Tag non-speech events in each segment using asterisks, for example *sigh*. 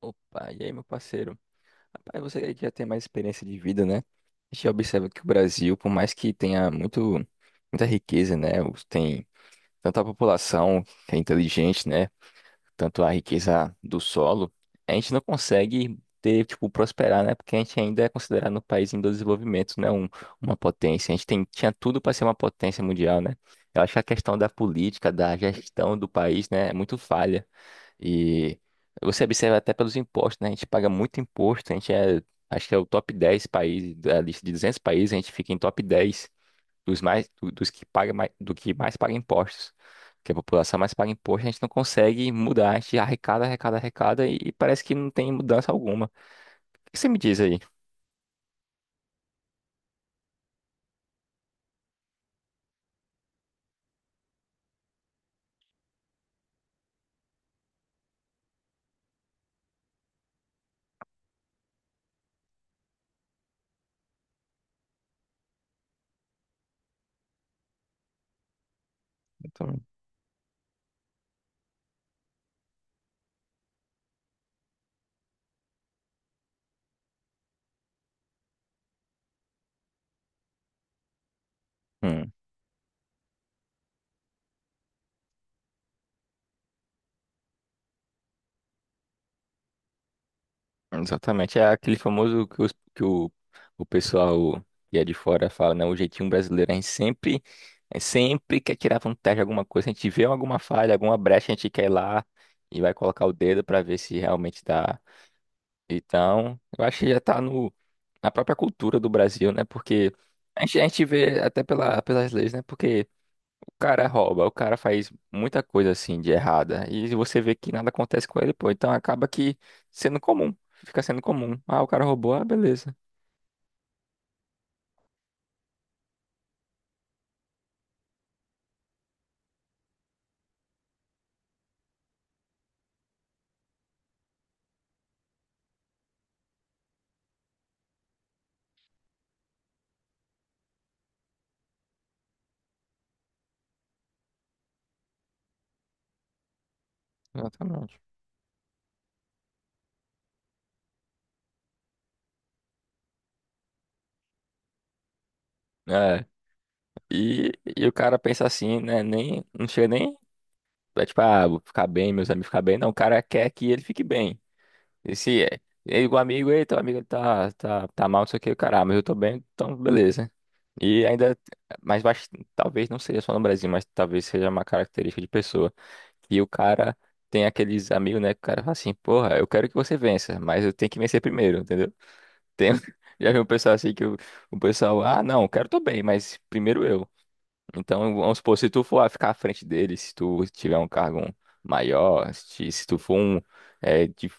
Opa, e aí, meu parceiro? Rapaz, você aí que já tem mais experiência de vida, né? A gente observa que o Brasil, por mais que tenha muito, muita riqueza, né? Tem tanta população que é inteligente, né? Tanto a riqueza do solo, a gente não consegue ter, tipo, prosperar, né? Porque a gente ainda é considerado um país em desenvolvimento, né? Uma potência. A gente tem, tinha tudo para ser uma potência mundial, né? Eu acho que a questão da política, da gestão do país, né? É muito falha. E você observa até pelos impostos, né? A gente paga muito imposto, a gente é, acho que é o top 10 país, da lista de 200 países, a gente fica em top 10 dos mais, dos que paga mais, do que mais paga impostos. Que a população mais paga imposto, a gente não consegue mudar, a gente arrecada, arrecada, arrecada e parece que não tem mudança alguma. O que você me diz aí? Então, hum. Exatamente. É aquele famoso que, que o pessoal que é de fora fala, né? O jeitinho brasileiro, a gente sempre, sempre quer tirar vantagem de alguma coisa. A gente vê alguma falha, alguma brecha, a gente quer ir lá e vai colocar o dedo pra ver se realmente dá. Então, eu acho que já tá no, na própria cultura do Brasil, né? Porque a gente vê até pela, pelas leis, né? Porque cara rouba, o cara faz muita coisa assim de errada e você vê que nada acontece com ele, pô. Então acaba que sendo comum, fica sendo comum. Ah, o cara roubou, ah, beleza. Exatamente. É, e o cara pensa assim, né? Nem, não chega nem, é tipo, ah, vou ficar bem, meus amigos ficar bem. Não, o cara quer que ele fique bem. E se é, ele, o amigo, ei, teu amigo ele tá mal, não sei o que, o cara, ah, mas eu tô bem, então beleza. E ainda, mais eu talvez não seja só no Brasil, mas talvez seja uma característica de pessoa. E o cara tem aqueles amigos, né? Que o cara fala assim, porra, eu quero que você vença, mas eu tenho que vencer primeiro, entendeu? Tem, *laughs* já vi um pessoal assim que o pessoal, ah, não, quero tu bem, mas primeiro eu. Então, vamos supor, se tu for ficar à frente dele, se tu tiver um cargo maior, se tu for é, de-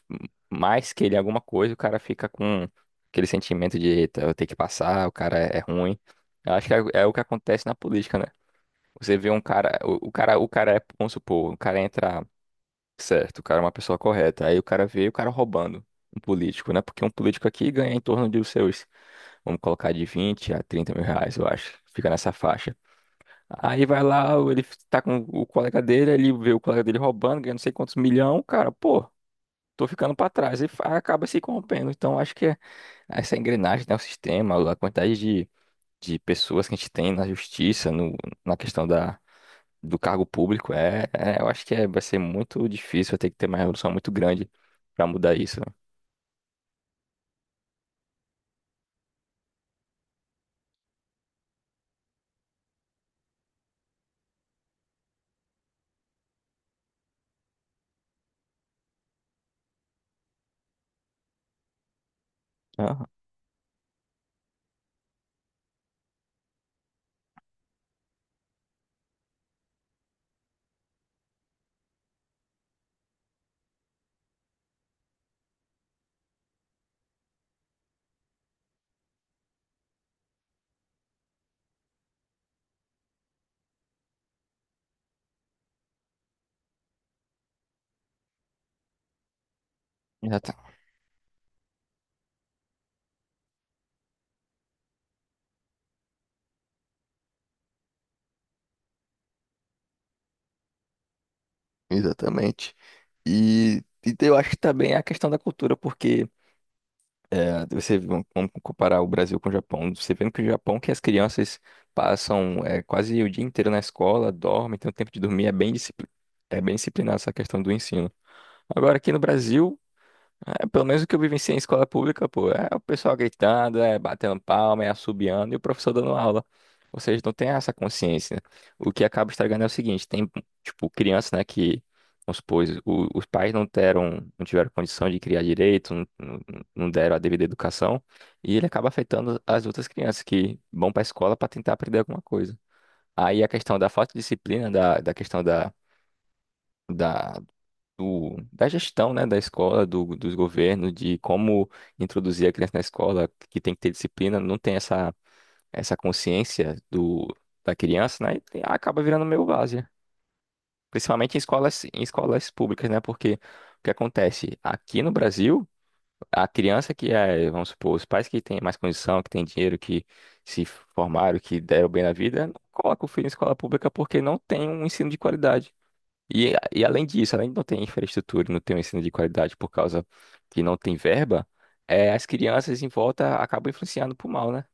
mais que ele em alguma coisa, o cara fica com aquele sentimento de, eita, eu tenho que passar, o cara é ruim. Eu acho que é o que acontece na política, né? Você vê um cara, o cara é, vamos supor, o cara entra certo, o cara é uma pessoa correta, aí o cara vê o cara roubando um político, né? Porque um político aqui ganha em torno de os seus, vamos colocar de 20 a 30 mil reais, eu acho, fica nessa faixa. Aí vai lá, ele tá com o colega dele, ele vê o colega dele roubando, ganhando não sei quantos milhão, cara, pô, tô ficando pra trás. E acaba se corrompendo. Então acho que é essa engrenagem, né, o sistema, a quantidade de pessoas que a gente tem na justiça, no, na questão da, do cargo público, eu acho que é, vai ser muito difícil, vai ter que ter uma revolução muito grande pra mudar isso, né? Aham, exata- exatamente. E eu acho que também é a questão da cultura, porque. É, você, vamos comparar o Brasil com o Japão. Você vendo que o Japão, que as crianças passam é, quase o dia inteiro na escola, dormem, tem o tempo de dormir, é bem, é bem disciplinado essa questão do ensino. Agora, aqui no Brasil, é, pelo menos o que eu vivenciei em escola pública, pô, é o pessoal gritando, é batendo palma, é assobiando e o professor dando aula. Ou seja, não tem essa consciência, né? O que acaba estragando é o seguinte, tem, tipo, criança, né, que, vamos supor, os pais não deram, não tiveram condição de criar direito, não, não deram a devida educação, e ele acaba afetando as outras crianças que vão para a escola para tentar aprender alguma coisa. Aí a questão da falta de disciplina, da questão da da gestão, né, da escola, do, dos governos, de como introduzir a criança na escola, que tem que ter disciplina, não tem essa, consciência do, da criança, né, e acaba virando meio várzea. Principalmente em escolas públicas, né, porque o que acontece? Aqui no Brasil, a criança que é, vamos supor, os pais que têm mais condição, que têm dinheiro, que se formaram, que deram bem na vida, não coloca o filho em escola pública porque não tem um ensino de qualidade. E além disso, além de não ter infraestrutura, e não ter um ensino de qualidade por causa que não tem verba, é, as crianças em volta acabam influenciando pro mal, né?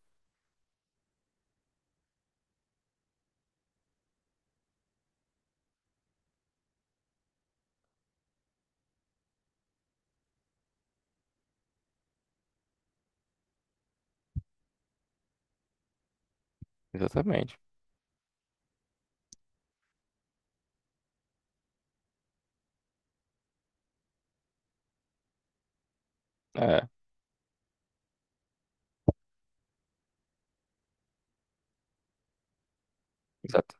Exatamente. É, exata-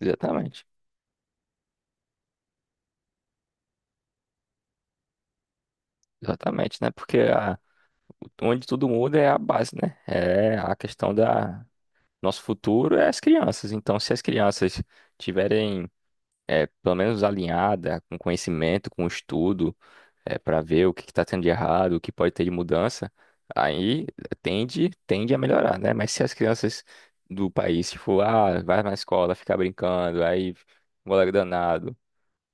exatamente. Exatamente, né? Porque onde tudo muda é a base, né? É a questão da nosso futuro é as crianças. Então, se as crianças tiverem é, pelo menos alinhada com conhecimento, com estudo, é, para ver o que está tendo de errado, o que pode ter de mudança, aí tende a melhorar, né? Mas se as crianças do país, tipo, ah, vai na escola, ficar brincando, aí um moleque danado,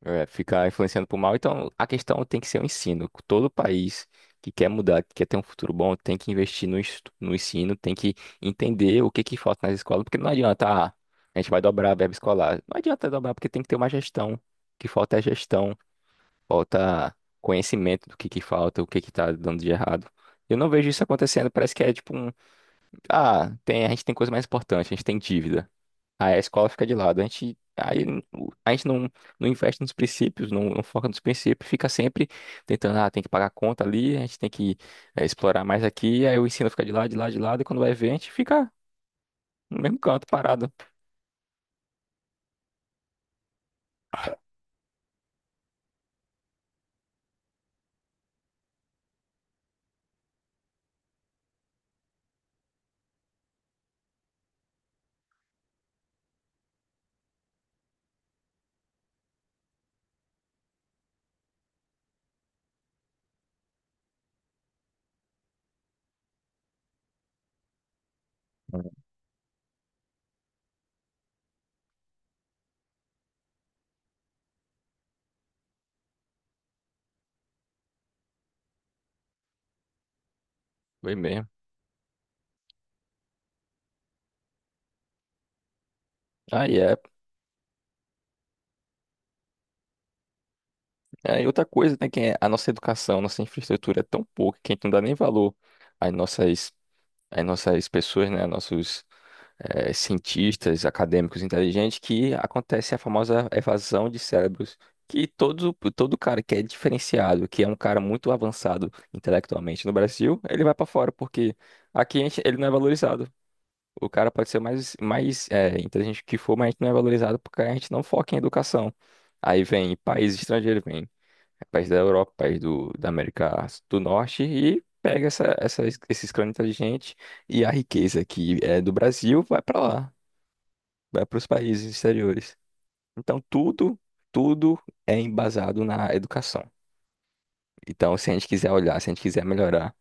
é, ficar influenciando pro mal, então a questão tem que ser o ensino. Todo país que quer mudar, que quer ter um futuro bom, tem que investir no ensino, tem que entender o que que falta nas escolas, porque não adianta, ah, a gente vai dobrar a verba escolar. Não adianta dobrar, porque tem que ter uma gestão. O que falta é a gestão. Falta conhecimento do que falta, o que que tá dando de errado. Eu não vejo isso acontecendo, parece que é tipo um, ah, tem, a gente tem coisa mais importante, a gente tem dívida. Aí a escola fica de lado, a gente, aí, a gente não investe nos princípios, não foca nos princípios, fica sempre tentando, ah, tem que pagar a conta ali, a gente tem que eh, explorar mais aqui, aí o ensino fica de lado, de lado, de lado, e quando vai ver, a gente fica no mesmo canto, parado. Foi mesmo. Aí é. É, e outra coisa, né, que é a nossa educação, nossa infraestrutura é tão pouca que a gente não dá nem valor às nossas, às nossas pessoas, né, nossos eh, cientistas, acadêmicos inteligentes, que acontece a famosa evasão de cérebros, que todo, todo cara que é diferenciado, que é um cara muito avançado intelectualmente no Brasil, ele vai para fora, porque aqui ele não é valorizado. O cara pode ser mais, mais eh, inteligente que for, mas a gente não é valorizado porque a gente não foca em educação. Aí vem países estrangeiros, vem. É país da Europa, país do, da América do Norte e pega essa, esses crânios inteligentes e a riqueza que é do Brasil vai para lá, vai para os países exteriores. Então tudo, tudo é embasado na educação. Então, se a gente quiser olhar, se a gente quiser melhorar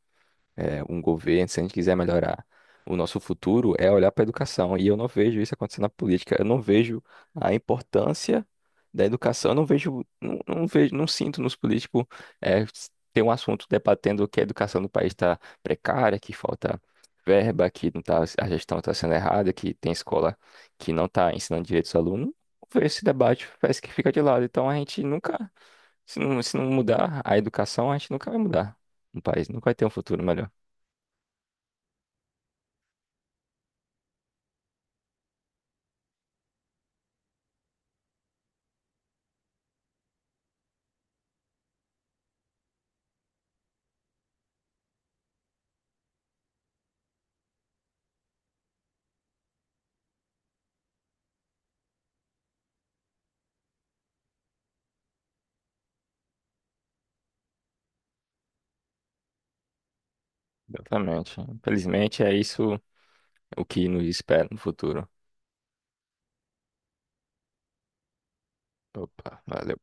é, um governo, se a gente quiser melhorar o nosso futuro, é olhar para a educação. E eu não vejo isso acontecendo na política. Eu não vejo a importância da educação. Eu não vejo, não, não vejo, não sinto nos políticos é, ter um assunto debatendo que a educação do país está precária, que falta verba, que não tá, a gestão está sendo errada, que tem escola que não está ensinando direitos aos alunos. Não vejo. Esse debate parece que fica de lado. Então a gente nunca, se não mudar a educação, a gente nunca vai mudar no país, nunca vai ter um futuro melhor. Exatamente. Infelizmente é isso o que nos espera no futuro. Opa, valeu.